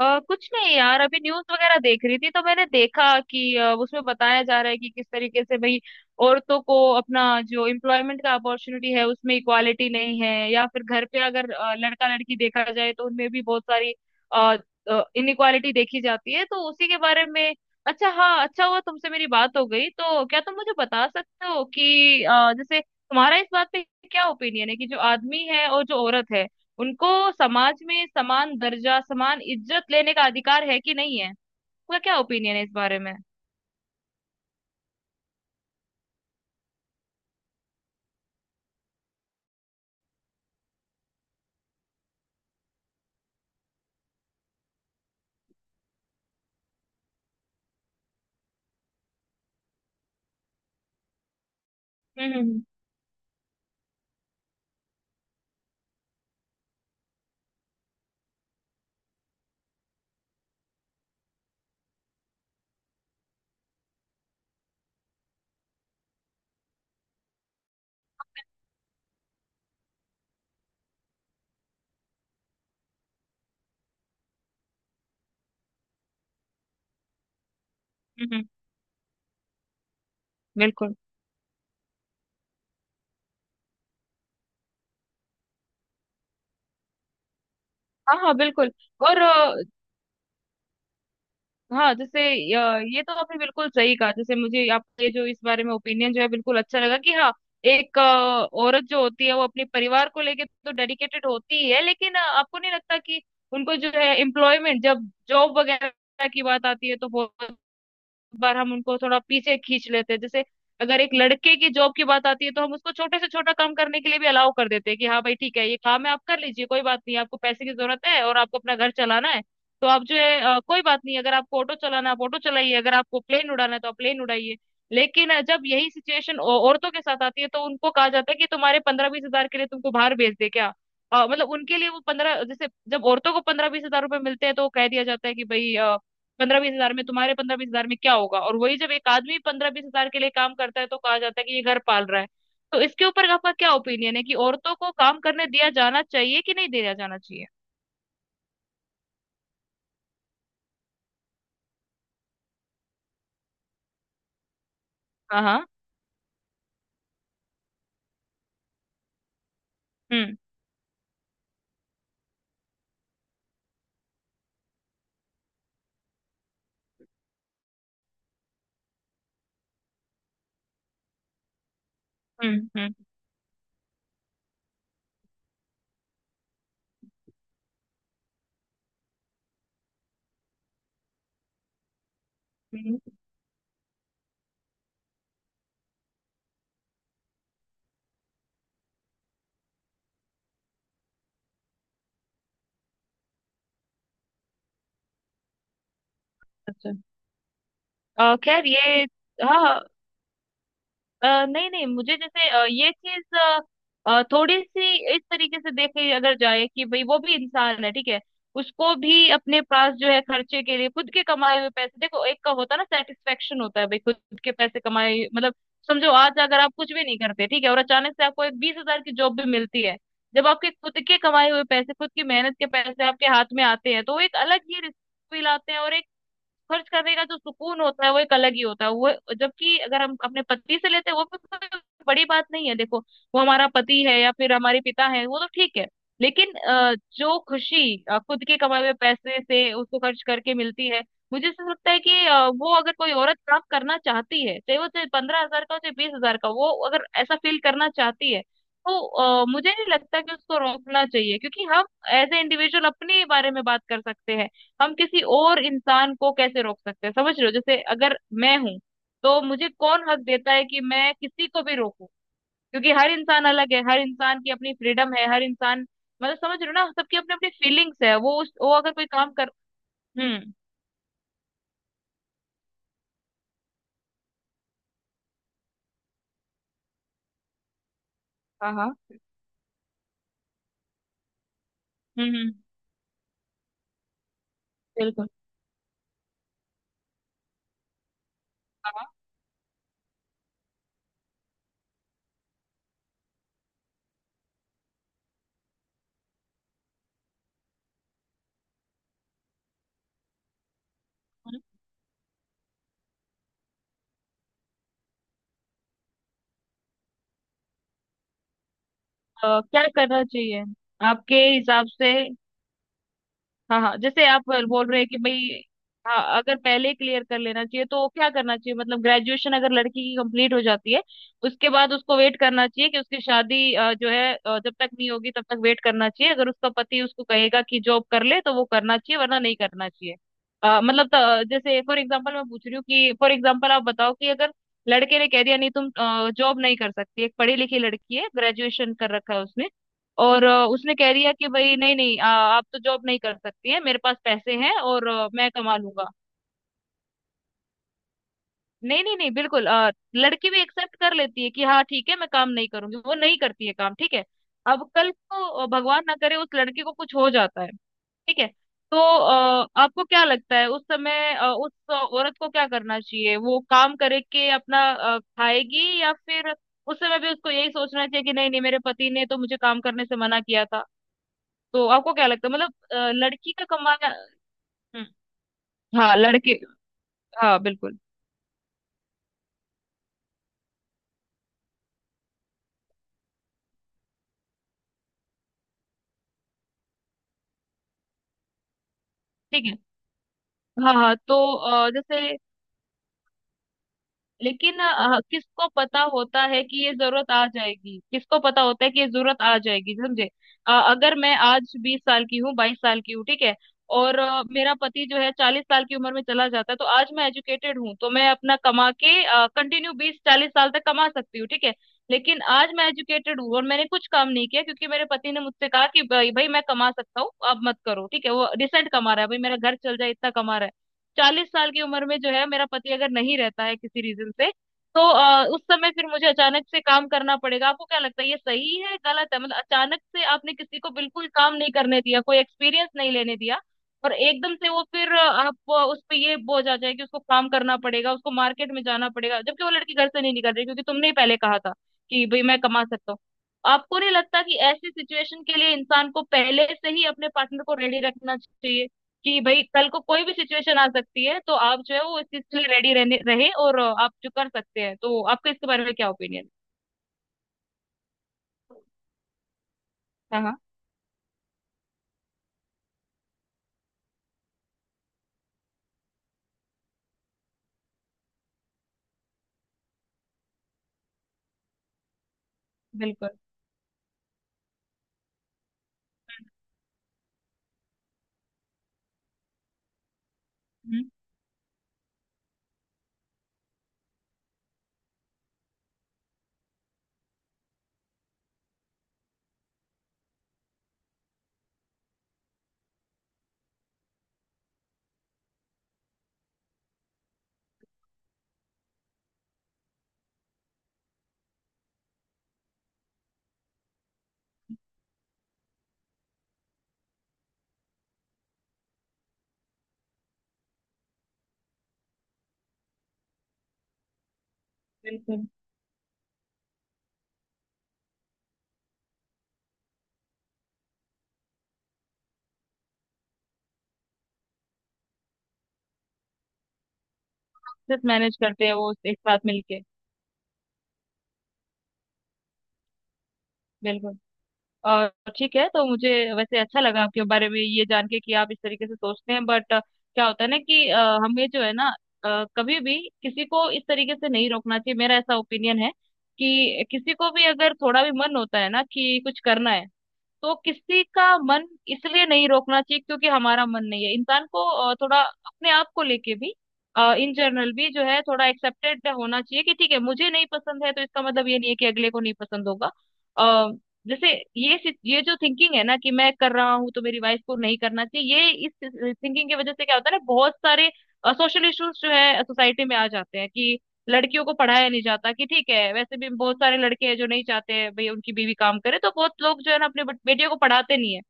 कुछ नहीं यार, अभी न्यूज वगैरह देख रही थी तो मैंने देखा कि उसमें बताया जा रहा है कि किस तरीके से भाई औरतों को अपना जो एम्प्लॉयमेंट का अपॉर्चुनिटी है उसमें इक्वालिटी नहीं है, या फिर घर पे अगर लड़का लड़की देखा जाए तो उनमें भी बहुत सारी इनइक्वालिटी देखी जाती है, तो उसी के बारे में। अच्छा हाँ, अच्छा हुआ तुमसे मेरी बात हो गई, तो क्या तुम मुझे बता सकते हो कि जैसे तुम्हारा इस बात पे क्या ओपिनियन है कि जो आदमी है और जो औरत है, उनको समाज में समान दर्जा, समान इज्जत लेने का अधिकार है कि नहीं है। आपका क्या ओपिनियन है इस बारे में। हम्म, हम्म, हम्म, हम्म, बिल्कुल। हाँ हाँ, बिल्कुल। और हाँ जैसे, ये तो आपने बिल्कुल सही कहा, जैसे मुझे आपका ये जो इस बारे में ओपिनियन जो है बिल्कुल अच्छा लगा कि हाँ, एक औरत जो होती है वो अपने परिवार को लेके तो डेडिकेटेड होती ही है। लेकिन आपको नहीं लगता कि उनको जो है एम्प्लॉयमेंट, जब जॉब वगैरह की बात आती है तो बहुत बार हम उनको थोड़ा पीछे खींच लेते हैं। जैसे अगर एक लड़के की जॉब की बात आती है तो हम उसको छोटे से छोटा काम करने के लिए भी अलाउ कर देते हैं कि हाँ भाई ठीक है, ये काम है, आप कर लीजिए, कोई बात नहीं, आपको पैसे की जरूरत है और आपको अपना घर चलाना है, तो आप जो है कोई बात नहीं, अगर आपको ऑटो चलाना है आप ऑटो चलाइए, अगर आपको प्लेन उड़ाना है तो आप प्लेन उड़ाइए। लेकिन जब यही सिचुएशन औरतों के साथ आती है तो उनको कहा जाता है कि तुम्हारे 15-20 हजार के लिए तुमको बाहर भेज दे क्या। मतलब उनके लिए वो पंद्रह, जैसे जब औरतों को 15-20 हजार रुपए मिलते हैं तो कह दिया जाता है कि भाई 15-20 हजार में, तुम्हारे पंद्रह बीस हजार में क्या होगा। और वही जब एक आदमी 15-20 हजार के लिए काम करता है तो कहा जाता है कि ये घर पाल रहा है। तो इसके ऊपर आपका क्या ओपिनियन है कि औरतों को काम करने दिया जाना चाहिए कि नहीं दिया जाना चाहिए। हाँ हाँ। हम्म, हम्म, हम्म, हम्म, अच्छा। खैर ये हाँ हाँ। नहीं नहीं, मुझे जैसे अ, ये चीज अ, अ, थोड़ी सी इस तरीके से देखे अगर जाए कि भाई वो भी इंसान है, ठीक है, उसको भी अपने पास जो है खर्चे के लिए खुद के कमाए हुए पैसे, देखो एक का होता है ना सेटिस्फेक्शन, होता है भाई खुद के पैसे कमाए, मतलब समझो आज अगर आप कुछ भी नहीं करते, ठीक है, और अचानक से आपको एक 20 हजार की जॉब भी मिलती है, जब आपके खुद के कमाए हुए पैसे, खुद की मेहनत के पैसे आपके हाथ में आते हैं, तो वो एक अलग ही रिस्क फील आते हैं। और एक खर्च करने का जो सुकून होता है वो एक अलग ही होता है, वो जबकि अगर हम अपने पति से लेते हैं वो भी तो कोई बड़ी बात नहीं है, देखो वो हमारा पति है या फिर हमारे पिता है वो तो ठीक है। लेकिन जो खुशी खुद के कमाए हुए पैसे से उसको खर्च करके मिलती है, मुझे ऐसा लगता है कि वो अगर कोई औरत काम करना चाहती है, चाहे वो चाहे 15 हजार का हो चाहे 20 हजार का, वो अगर ऐसा फील करना चाहती है तो मुझे नहीं लगता कि उसको रोकना चाहिए। क्योंकि हम एज ए इंडिविजुअल अपने बारे में बात कर सकते हैं, हम किसी और इंसान को कैसे रोक सकते हैं, समझ रहे हो। जैसे अगर मैं हूं तो मुझे कौन हक देता है कि मैं किसी को भी रोकूं। क्योंकि हर इंसान अलग है, हर इंसान की अपनी फ्रीडम है, हर इंसान, मतलब समझ रहे हो ना सबकी अपनी अपनी फीलिंग्स है, वो उस वो अगर कोई काम कर, हम्म, हाँ हाँ, हम्म, हम्म, बिल्कुल, हाँ, हाँ, हम्म। क्या करना चाहिए आपके हिसाब से। हाँ हाँ, जैसे आप बोल रहे हैं कि भाई हाँ, अगर पहले क्लियर कर लेना चाहिए तो क्या करना चाहिए, मतलब ग्रेजुएशन अगर लड़की की कंप्लीट हो जाती है उसके बाद उसको वेट करना चाहिए कि उसकी शादी जब तक नहीं होगी तब तक वेट करना चाहिए, अगर उसका पति उसको कहेगा कि जॉब कर ले तो वो करना चाहिए वरना नहीं करना चाहिए। जैसे फॉर एग्जाम्पल मैं पूछ रही हूँ कि फॉर एग्जाम्पल आप बताओ कि अगर लड़के ने कह दिया नहीं, तुम जॉब नहीं कर सकती, एक पढ़ी लिखी लड़की है, ग्रेजुएशन कर रखा है उसने, और उसने कह दिया कि भाई नहीं नहीं, आप तो जॉब नहीं कर सकती हैं, मेरे पास पैसे हैं और मैं कमा लूंगा। नहीं नहीं नहीं, बिल्कुल लड़की भी एक्सेप्ट कर लेती है कि हाँ ठीक है मैं काम नहीं करूंगी, वो नहीं करती है काम, ठीक है। अब कल को भगवान ना करे उस लड़की को कुछ हो जाता है, ठीक है, तो आपको क्या लगता है उस समय उस औरत को क्या करना चाहिए, वो काम करके अपना खाएगी या फिर उस समय भी उसको यही सोचना चाहिए कि नहीं नहीं मेरे पति ने तो मुझे काम करने से मना किया था। तो आपको क्या लगता है, मतलब लड़की का कमाना, हम्म, हाँ लड़के, हाँ बिल्कुल। ठीक है, हाँ हाँ, तो जैसे लेकिन किसको पता होता है कि ये जरूरत आ जाएगी, किसको पता होता है कि ये जरूरत आ जाएगी, समझे। अगर मैं आज 20 साल की हूँ, 22 साल की हूँ, ठीक है, और मेरा पति जो है 40 साल की उम्र में चला जाता है, तो आज मैं एजुकेटेड हूँ तो मैं अपना कमा के कंटिन्यू 20-40 साल तक कमा सकती हूँ, ठीक है। लेकिन आज मैं एजुकेटेड हूँ और मैंने कुछ काम नहीं किया क्योंकि मेरे पति ने मुझसे कहा कि भाई भाई मैं कमा सकता हूँ अब मत करो, ठीक है, वो रिसेंट कमा रहा है भाई, मेरा घर चल जाए इतना कमा रहा है। 40 साल की उम्र में जो है मेरा पति अगर नहीं रहता है किसी रीजन से, तो उस समय फिर मुझे अचानक से काम करना पड़ेगा। आपको क्या लगता है ये सही है, गलत है। मतलब अचानक से आपने किसी को बिल्कुल काम नहीं करने दिया, कोई एक्सपीरियंस नहीं लेने दिया, और एकदम से वो फिर उस पे ये बोझ आ जाए कि उसको काम करना पड़ेगा, उसको मार्केट में जाना पड़ेगा, जबकि वो लड़की घर से नहीं निकल रही क्योंकि तुमने ही पहले कहा था कि भाई मैं कमा सकता हूँ। आपको नहीं लगता कि ऐसी सिचुएशन के लिए इंसान को पहले से ही अपने पार्टनर को रेडी रखना चाहिए कि भाई कल को कोई भी सिचुएशन आ सकती है, तो आप जो है वो इस चीज के लिए रेडी रहने रहे, और आप जो कर सकते हैं, तो आपका इसके बारे में क्या ओपिनियन है। हाँ हाँ बिल्कुल, हम्म, बिल्कुल। सिर्फ मैनेज करते हैं वो एक साथ मिलके, बिल्कुल। और ठीक है, तो मुझे वैसे अच्छा लगा आपके बारे में ये जान के कि आप इस तरीके से सोचते हैं। बट क्या होता है ना कि हमें जो है ना, कभी भी किसी को इस तरीके से नहीं रोकना चाहिए, मेरा ऐसा ओपिनियन है कि किसी को भी अगर थोड़ा भी मन होता है ना कि कुछ करना है, तो किसी का मन इसलिए नहीं रोकना चाहिए क्योंकि हमारा मन नहीं है। इंसान को थोड़ा अपने आप को लेके भी, इन जनरल भी जो है थोड़ा एक्सेप्टेड होना चाहिए कि ठीक है मुझे नहीं पसंद है तो इसका मतलब ये नहीं है कि अगले को नहीं पसंद होगा। अ, जैसे ये जो थिंकिंग है ना कि मैं कर रहा हूँ तो मेरी वाइफ को नहीं करना चाहिए, ये इस थिंकिंग की वजह से क्या होता है ना, बहुत सारे सोशल इश्यूज जो है सोसाइटी में आ जाते हैं कि लड़कियों को पढ़ाया नहीं जाता कि ठीक है, वैसे भी बहुत सारे लड़के हैं जो नहीं चाहते हैं भाई उनकी बीवी काम करे, तो बहुत लोग जो है ना अपने बेटियों को पढ़ाते नहीं है,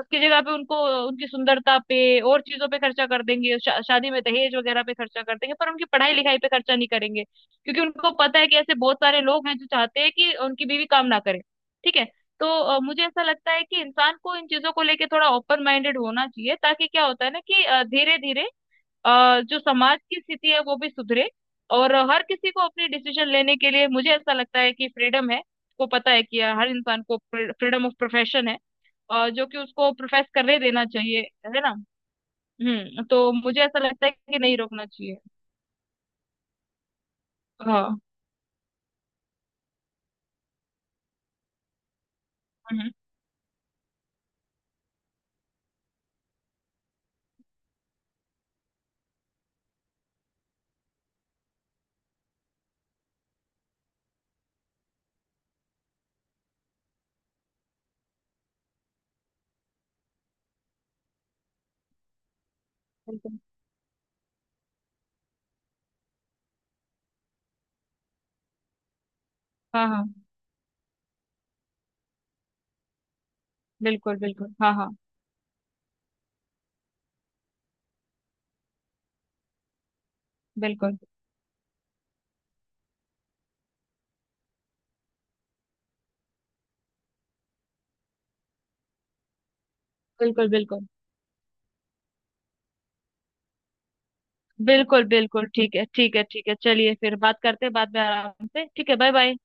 उसकी जगह पे उनको, उनकी सुंदरता पे और चीजों पे खर्चा कर देंगे, शादी में दहेज वगैरह पे खर्चा कर देंगे पर उनकी पढ़ाई लिखाई पे खर्चा नहीं करेंगे क्योंकि उनको पता है कि ऐसे बहुत सारे लोग हैं जो चाहते हैं कि उनकी बीवी काम ना करे, ठीक है। तो मुझे ऐसा लगता है कि इंसान को इन चीजों को लेके थोड़ा ओपन माइंडेड होना चाहिए ताकि क्या होता है ना कि धीरे धीरे जो समाज की स्थिति है वो भी सुधरे, और हर किसी को अपनी डिसीजन लेने के लिए मुझे ऐसा लगता है कि फ्रीडम है, को पता है कि हर इंसान को फ्रीडम ऑफ प्रोफेशन है, जो कि उसको प्रोफेस करने देना चाहिए, है ना। हम्म, तो मुझे ऐसा लगता है कि नहीं रोकना चाहिए। हाँ, हम्म, बिल्कुल, हाँ हाँ, बिल्कुल बिल्कुल, हाँ हाँ, बिल्कुल बिल्कुल, बिल्कुल बिल्कुल बिल्कुल। ठीक है ठीक है ठीक है, चलिए फिर बात करते हैं बाद में आराम से, ठीक है, बाय बाय।